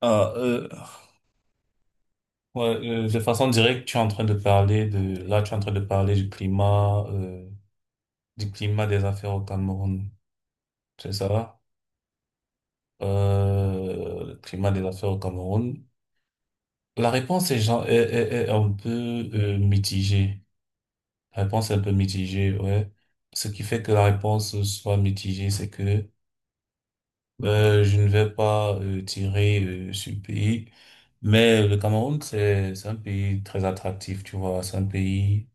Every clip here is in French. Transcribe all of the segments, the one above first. Ah, euh, ouais, de façon directe, tu es en train de parler de, là, tu es en train de parler du climat des affaires au Cameroun. C'est ça? Le climat des affaires au Cameroun. La réponse est, genre, est un peu mitigée. La réponse est un peu mitigée, ouais. Ce qui fait que la réponse soit mitigée, c'est que je ne vais pas tirer sur le pays. Mais le Cameroun, c'est un pays très attractif, tu vois. C'est un pays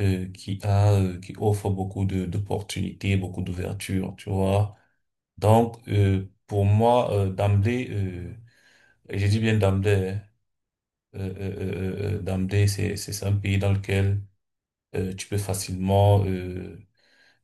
qui a qui offre beaucoup de d'opportunités, beaucoup d'ouvertures, tu vois. Donc pour moi d'emblée, et je dis bien d'emblée, hein, d'emblée c'est un pays dans lequel tu peux facilement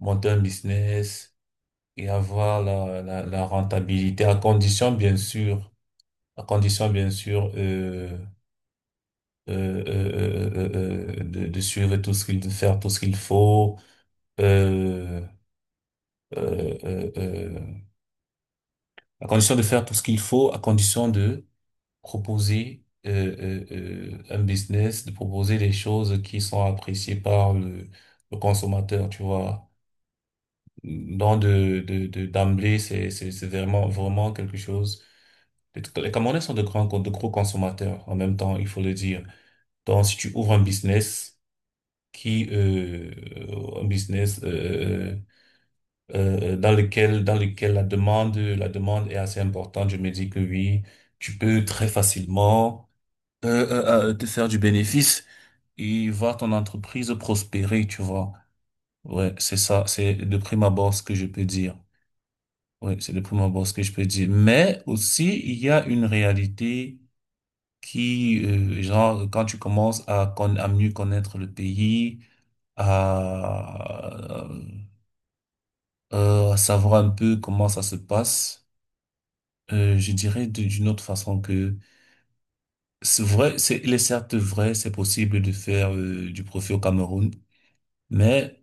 monter un business et avoir la rentabilité à condition bien sûr, à condition bien sûr de suivre tout ce qu'il de faire tout ce qu'il faut. Euh, euh, euh, euh, à condition de faire tout ce qu'il faut, à condition de proposer un business, de proposer des choses qui sont appréciées par le consommateur, tu vois. Donc de d'emblée, c'est vraiment vraiment quelque chose. Les Camerounais sont de grands, de gros consommateurs en même temps, il faut le dire. Donc, si tu ouvres un business qui, euh, un business, dans lequel, la demande est assez importante. Je me dis que oui, tu peux très facilement te faire du bénéfice et voir ton entreprise prospérer, tu vois. Ouais, c'est ça, c'est de prime abord ce que je peux dire. Ouais, c'est de prime abord ce que je peux dire. Mais aussi, il y a une réalité qui, genre, quand tu commences à mieux connaître le pays, à, à savoir un peu comment ça se passe. Je dirais d'une autre façon que c'est vrai, il est certes vrai, c'est possible de faire du profit au Cameroun, mais,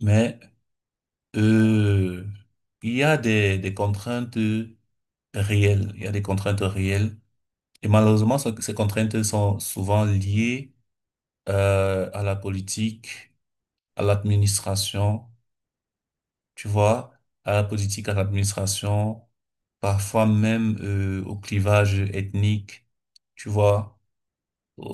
mais euh, il y a des contraintes réelles, il y a des contraintes réelles, et malheureusement, ces contraintes sont souvent liées à la politique, à l'administration, tu vois, à la politique, à l'administration, parfois même au clivage ethnique, tu vois. au,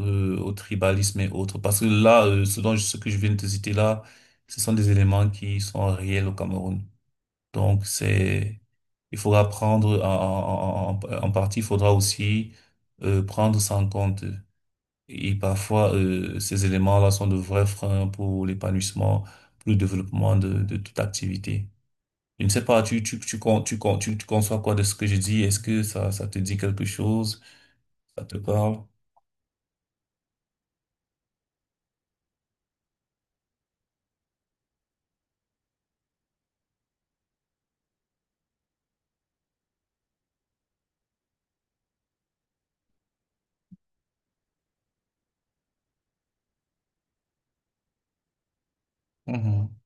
euh, au tribalisme et autres. Parce que là, ce dont, ce que je viens de te citer là, ce sont des éléments qui sont réels au Cameroun. Donc, c'est, il faudra prendre en partie, il faudra aussi prendre ça en compte. Et parfois, ces éléments-là sont de vrais freins pour l'épanouissement, pour le développement de toute activité. Je ne sais pas, tu conçois quoi de ce que je dis? Est-ce que ça te dit quelque chose? Ça te parle? Mhm.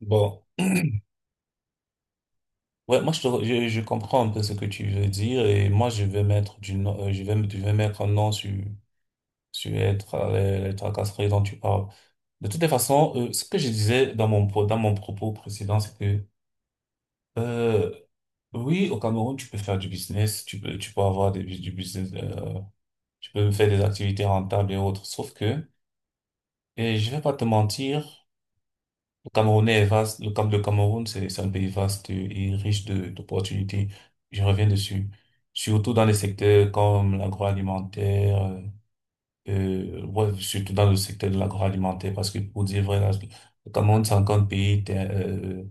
Bon. Ouais, moi je, te re- je comprends un peu ce que tu veux dire et moi je vais je vais mettre un nom sur sur être les tracasseries dont tu parles. De toutes les façons, ce que je disais dans dans mon propos précédent, c'est que euh, oui, au Cameroun tu peux faire du business, tu peux avoir du business, tu peux faire des activités rentables et autres. Sauf que et je vais pas te mentir. Le Cameroun est vaste. Le Cameroun, c'est un pays vaste et riche d'opportunités. Je reviens dessus. Surtout dans les secteurs comme l'agroalimentaire, ouais, surtout dans le secteur de l'agroalimentaire, parce que pour dire vrai, là, le Cameroun, c'est encore un pays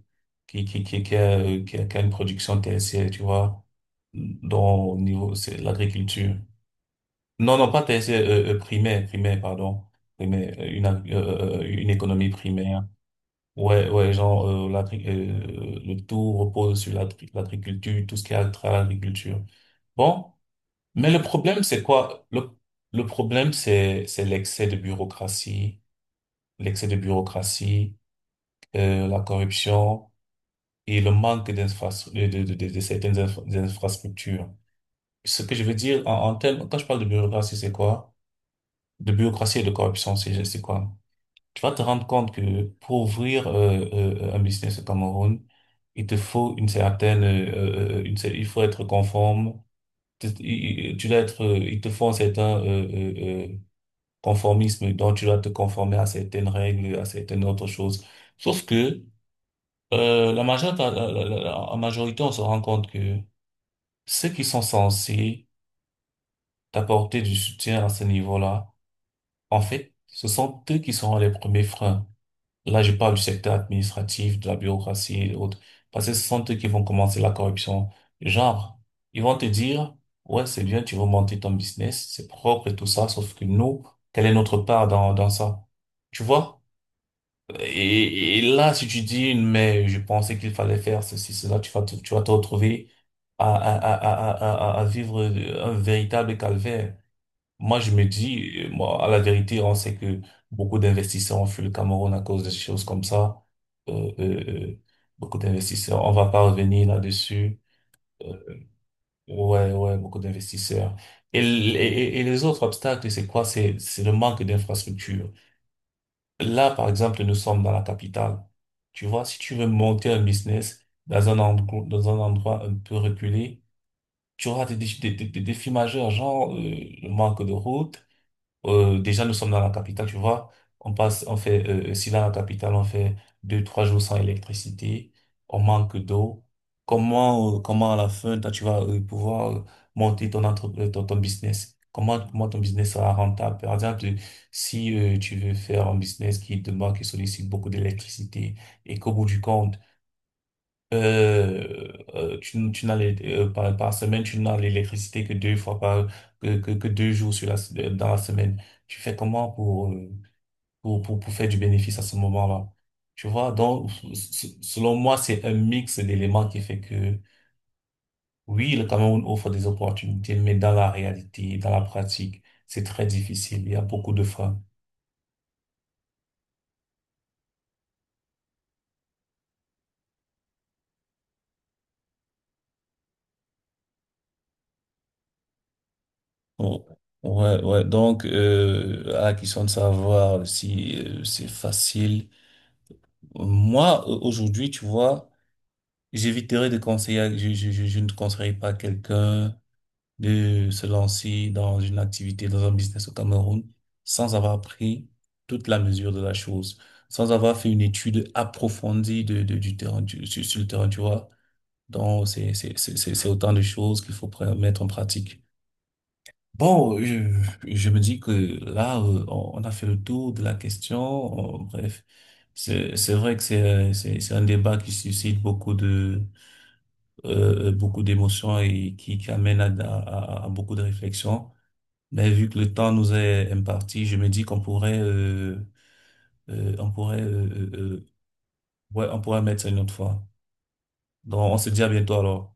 qui a, qui a une production tertiaire, tu vois, dont au niveau, c'est l'agriculture. Non, non, pas tertiaire, primaire, primaire, pardon. Primaire, une économie primaire. Ouais, ouais, genre, le tout repose sur l'agriculture, tout ce qui est trait à l'agriculture. Bon, mais le problème, c'est quoi? Le problème, c'est l'excès de bureaucratie, la corruption et le manque d'infrastructures, de certaines des infrastructures. Ce que je veux dire en termes, quand je parle de bureaucratie, c'est quoi? De bureaucratie et de corruption, c'est quoi? Tu vas te rendre compte que pour ouvrir un business au Cameroun, il te faut une certaine, une, cer- il faut être conforme. Tu dois être, il te faut un certain conformisme, donc tu dois te conformer à certaines règles, à certaines autres choses. Sauf que la majeure, la- la- la- en majorité, on se rend compte que ceux qui sont censés t'apporter du soutien à ce niveau-là, en fait, ce sont eux qui seront les premiers freins. Là, je parle du secteur administratif, de la bureaucratie et autres. Parce que ce sont eux qui vont commencer la corruption. Genre, ils vont te dire, ouais, c'est bien, tu veux monter ton business, c'est propre et tout ça, sauf que nous, quelle est notre part dans ça? Tu vois? Et là, si tu dis, mais je pensais qu'il fallait faire ceci, cela, tu vas te retrouver à vivre un véritable calvaire. Moi, je me dis, moi, à la vérité, on sait que beaucoup d'investisseurs ont fui le Cameroun à cause de choses comme ça. Euh, euh, euh, Beaucoup d'investisseurs, on va pas revenir là-dessus. Euh, ouais, ouais, beaucoup d'investisseurs. Et, et les autres obstacles, c'est quoi? C'est le manque d'infrastructures. Là, par exemple, nous sommes dans la capitale. Tu vois, si tu veux monter un business dans un endroit un peu reculé, tu auras des défis majeurs, genre le manque de routes. Déjà, nous sommes dans la capitale, tu vois. On passe, on fait, si dans la capitale, on fait deux, trois jours sans électricité, on manque d'eau. Comment, comment à la fin, toi, tu vas pouvoir monter ton business? Comment, comment ton business sera rentable? Par exemple, si tu veux faire un business qui demande, qui sollicite beaucoup d'électricité et qu'au bout du compte, tu par, par semaine, tu n'as l'électricité que, que deux jours sur dans la semaine. Tu fais comment pour, pour faire du bénéfice à ce moment-là? Tu vois, donc, selon moi, c'est un mix d'éléments qui fait que, oui, le Cameroun offre des opportunités, mais dans la réalité, dans la pratique, c'est très difficile. Il y a beaucoup de freins. Oh, ouais, ouais. Donc, à la question de savoir si c'est facile. Moi, aujourd'hui, tu vois, j'éviterai de conseiller, je ne conseillerais pas à quelqu'un de se lancer dans une activité, dans un business au Cameroun, sans avoir pris toute la mesure de la chose, sans avoir fait une étude approfondie du terrain, sur le terrain, tu vois. Donc, c'est autant de choses qu'il faut mettre en pratique. Bon, je me dis que là, on a fait le tour de la question. Bref, c'est vrai que c'est un débat qui suscite beaucoup de beaucoup d'émotions et qui amène à beaucoup de réflexions. Mais vu que le temps nous est imparti, je me dis qu'on pourrait on pourrait euh, euh, ouais on pourrait mettre ça une autre fois. Donc, on se dit à bientôt alors.